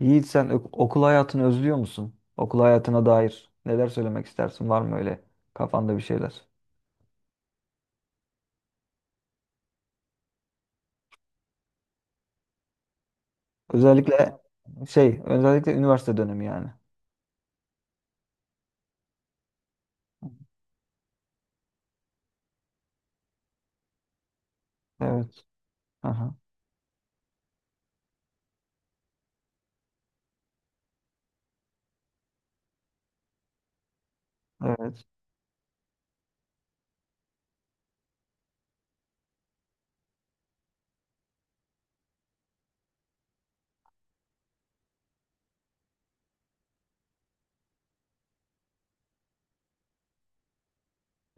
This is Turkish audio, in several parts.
Yiğit sen okul hayatını özlüyor musun? Okul hayatına dair neler söylemek istersin? Var mı öyle kafanda bir şeyler? Özellikle özellikle üniversite dönemi yani. Evet. Aha. Evet.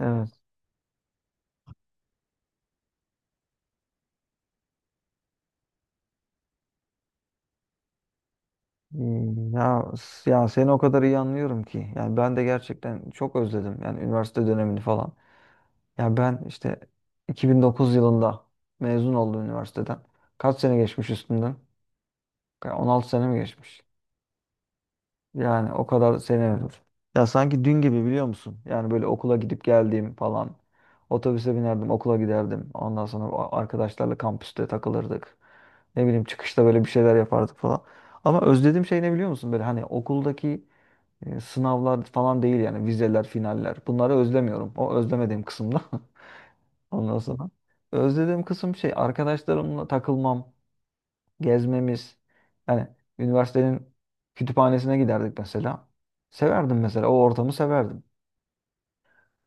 Evet. Ya, seni o kadar iyi anlıyorum ki. Yani ben de gerçekten çok özledim. Yani üniversite dönemini falan. Ya ben işte 2009 yılında mezun oldum üniversiteden. Kaç sene geçmiş üstünden? Ya 16 sene mi geçmiş? Yani o kadar sene olur. Ya sanki dün gibi biliyor musun? Yani böyle okula gidip geldiğim falan. Otobüse binerdim, okula giderdim. Ondan sonra o arkadaşlarla kampüste takılırdık. Ne bileyim çıkışta böyle bir şeyler yapardık falan. Ama özlediğim şey ne biliyor musun? Böyle hani okuldaki sınavlar falan değil yani, vizeler, finaller. Bunları özlemiyorum. O özlemediğim kısımda. Ondan sonra. Özlediğim kısım şey arkadaşlarımla takılmam, gezmemiz. Yani üniversitenin kütüphanesine giderdik mesela. Severdim mesela. O ortamı severdim.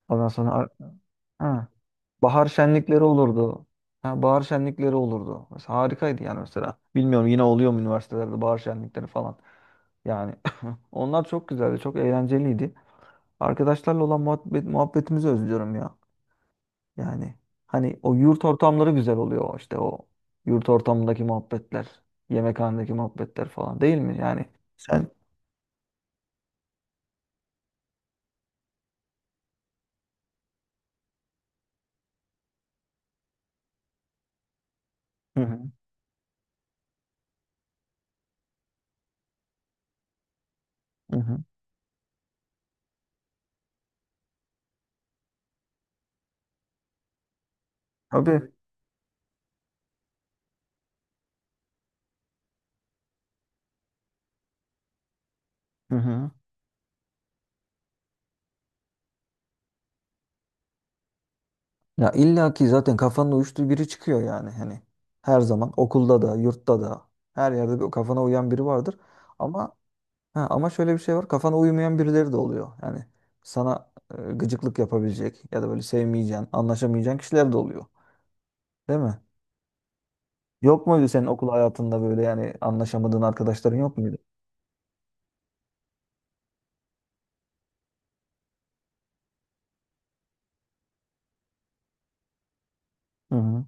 Ondan sonra ha, bahar şenlikleri olurdu. Ha, bahar şenlikleri olurdu. Mesela harikaydı yani mesela. Bilmiyorum yine oluyor mu üniversitelerde bahar şenlikleri falan. Yani onlar çok güzeldi. Çok eğlenceliydi. Arkadaşlarla olan muhabbet, muhabbetimizi özlüyorum ya. Yani hani o yurt ortamları güzel oluyor, işte o yurt ortamındaki muhabbetler, yemekhanedeki muhabbetler falan değil mi? Yani sen. Hı hı, hı hı. Tabii. Hı hı. Ya illa ki zaten kafanın uyuştuğu biri çıkıyor yani, hani her zaman okulda da yurtta da her yerde bir kafana uyan biri vardır. Ama ha, ama şöyle bir şey var, kafana uymayan birileri de oluyor. Yani sana gıcıklık yapabilecek ya da böyle sevmeyeceğin, anlaşamayacağın kişiler de oluyor. Değil mi? Yok muydu senin okul hayatında böyle, yani anlaşamadığın arkadaşların yok muydu? Hı hı.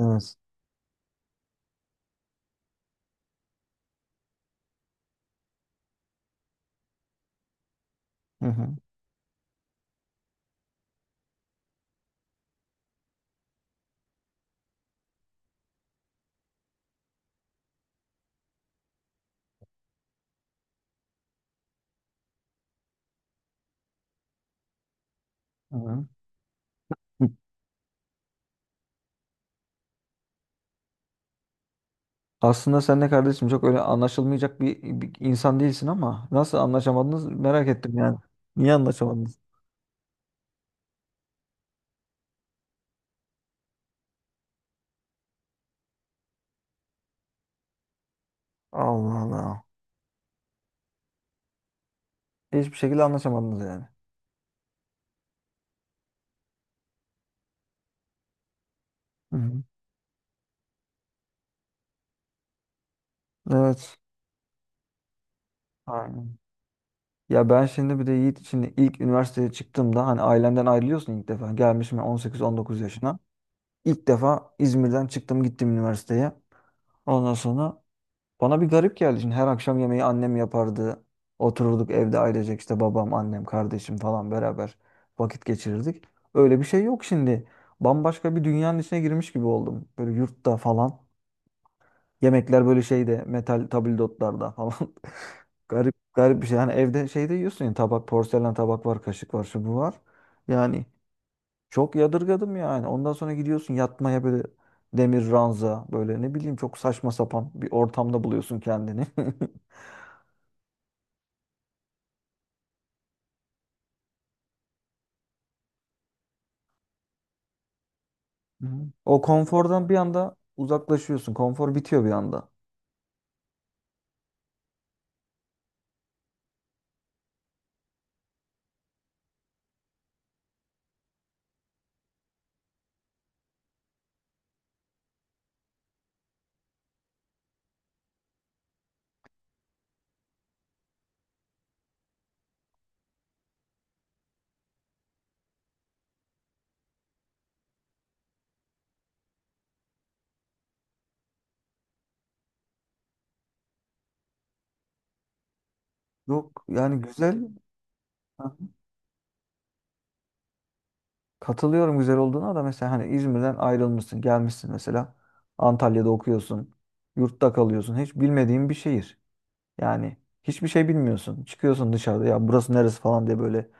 Evet. Hı hı. Hı hı. Aslında sen de kardeşim çok öyle anlaşılmayacak bir, bir insan değilsin, ama nasıl anlaşamadınız merak ettim yani. Niye anlaşamadınız? Allah Allah. Hiçbir şekilde anlaşamadınız yani. Hı hı. Evet. Aynen. Ya ben şimdi bir de Yiğit için, ilk üniversiteye çıktığımda hani ailenden ayrılıyorsun ilk defa. Gelmişim ben 18-19 yaşına. İlk defa İzmir'den çıktım gittim üniversiteye. Ondan sonra bana bir garip geldi. Şimdi her akşam yemeği annem yapardı. Otururduk evde ailecek, işte babam, annem, kardeşim falan beraber vakit geçirirdik. Öyle bir şey yok şimdi. Bambaşka bir dünyanın içine girmiş gibi oldum. Böyle yurtta falan. Yemekler böyle şeyde, metal tabldotlarda falan. Garip garip bir şey. Yani evde şeyde yiyorsun ya, tabak, porselen tabak var, kaşık var, şu bu var. Yani çok yadırgadım yani. Ondan sonra gidiyorsun yatmaya, böyle demir ranza, böyle ne bileyim çok saçma sapan bir ortamda buluyorsun kendini. Hı. O konfordan bir anda uzaklaşıyorsun. Konfor bitiyor bir anda. Yok yani güzel. Aha. Katılıyorum güzel olduğuna da, mesela hani İzmir'den ayrılmışsın, gelmişsin mesela. Antalya'da okuyorsun. Yurtta kalıyorsun. Hiç bilmediğin bir şehir. Yani hiçbir şey bilmiyorsun. Çıkıyorsun dışarıda, ya burası neresi falan diye böyle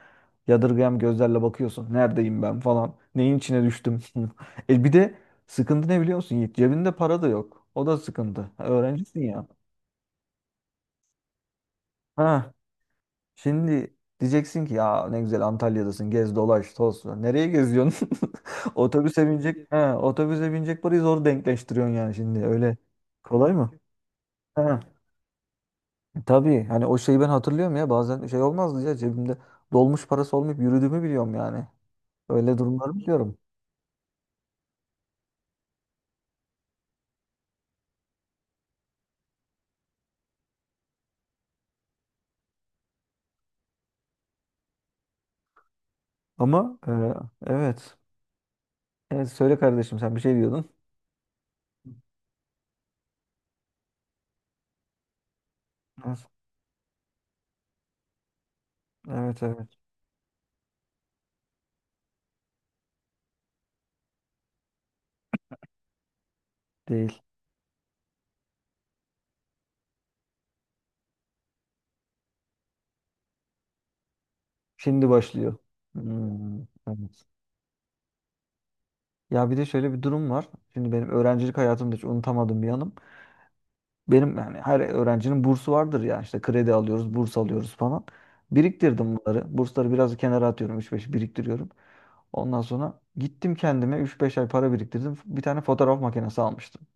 yadırgayan gözlerle bakıyorsun. Neredeyim ben falan. Neyin içine düştüm. E bir de sıkıntı ne biliyor musun Yiğit? Cebinde para da yok. O da sıkıntı. Öğrencisin ya. Ha. Şimdi diyeceksin ki ya ne güzel Antalya'dasın gez dolaş toz. Nereye geziyorsun? Otobüse binecek. He, otobüse binecek parayı zor denkleştiriyorsun yani şimdi öyle. Kolay mı? He, tabii hani o şeyi ben hatırlıyorum ya, bazen şey olmazdı ya, cebimde dolmuş parası olmayıp yürüdüğümü biliyorum yani. Öyle durumları biliyorum. Ama evet. Evet söyle kardeşim, sen bir şey diyordun. Evet, evet, evet değil. Şimdi başlıyor. Hmm, evet. Ya bir de şöyle bir durum var. Şimdi benim öğrencilik hayatımda hiç unutamadığım bir yanım. Benim yani, her öğrencinin bursu vardır ya, işte kredi alıyoruz, burs alıyoruz falan. Biriktirdim bunları. Bursları biraz kenara atıyorum. Üç beş biriktiriyorum. Ondan sonra gittim kendime üç beş ay para biriktirdim. Bir tane fotoğraf makinesi almıştım.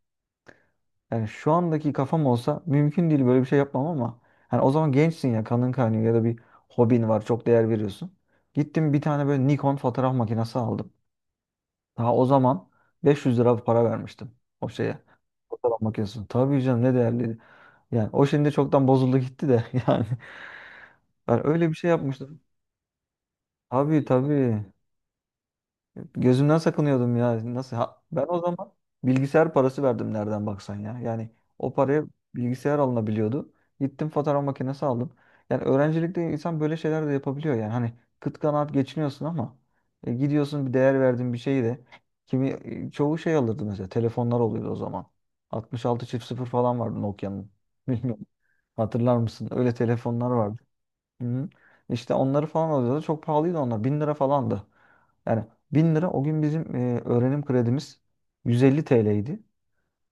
Yani şu andaki kafam olsa mümkün değil böyle bir şey yapmam, ama hani o zaman gençsin ya, kanın kaynıyor, ya da bir hobin var çok değer veriyorsun. Gittim bir tane böyle Nikon fotoğraf makinesi aldım. Daha o zaman 500 lira para vermiştim o şeye. Fotoğraf makinesine. Tabii canım ne değerliydi. Yani o şimdi çoktan bozuldu gitti de yani. Ben öyle bir şey yapmıştım. Tabii tabii. Gözümden sakınıyordum ya. Nasıl? Ha, ben o zaman bilgisayar parası verdim nereden baksan ya. Yani o paraya bilgisayar alınabiliyordu. Gittim fotoğraf makinesi aldım. Yani öğrencilikte insan böyle şeyler de yapabiliyor yani. Hani kıt kanaat geçiniyorsun ama gidiyorsun bir değer verdiğin bir şeyi de, kimi çoğu şey alırdı mesela. Telefonlar oluyordu o zaman. 66 çift sıfır falan vardı Nokia'nın. Bilmiyorum. Hatırlar mısın? Öyle telefonlar vardı. Hı. İşte onları falan alıyordu. Çok pahalıydı onlar. Bin lira falandı. Yani 1000 lira o gün bizim öğrenim kredimiz 150 idi.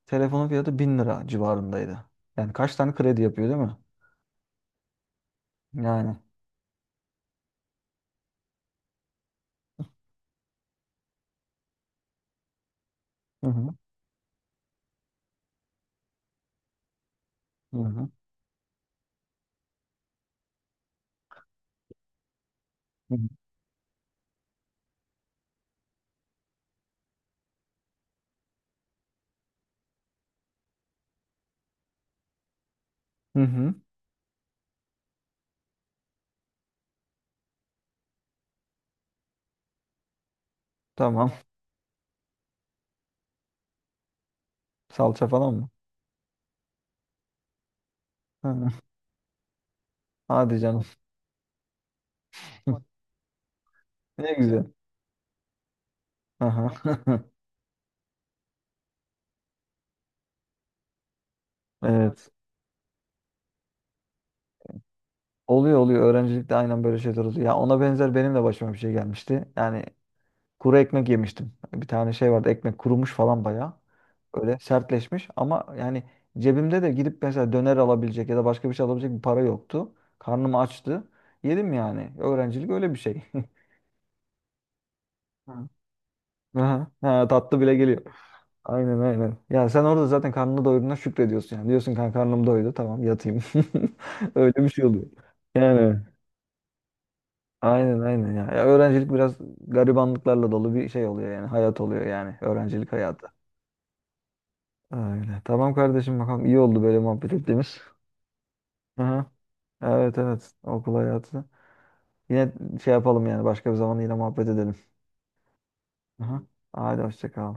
Telefonun fiyatı 1000 lira civarındaydı. Yani kaç tane kredi yapıyor değil mi? Yani. Hı hı. Hı hı. Hı hı. Hı hı. Tamam. Salça falan mı? Hı hı. Hadi canım. Ne güzel. Aha. Evet. Oluyor oluyor. Öğrencilikte aynen böyle şeyler oluyor. Ya ona benzer benim de başıma bir şey gelmişti. Yani kuru ekmek yemiştim. Bir tane şey vardı. Ekmek kurumuş falan bayağı. Öyle sertleşmiş, ama yani cebimde de gidip mesela döner alabilecek ya da başka bir şey alabilecek bir para yoktu. Karnım açtı. Yedim yani. Öğrencilik öyle bir şey. Ha. Aha, ha, tatlı bile geliyor. Aynen aynen. Ya sen orada zaten karnını doyurduğuna şükrediyorsun yani. Diyorsun kanka karnım doydu tamam yatayım. Öyle bir şey oluyor. Yani aynen aynen ya. Ya öğrencilik biraz garibanlıklarla dolu bir şey oluyor yani. Hayat oluyor yani. Öğrencilik hayatı. Öyle. Tamam kardeşim, bakalım iyi oldu böyle muhabbet ettiğimiz. Aha. Evet evet, okul hayatı. Yine şey yapalım yani, başka bir zaman yine muhabbet edelim. Aha. Hadi hoşça kal.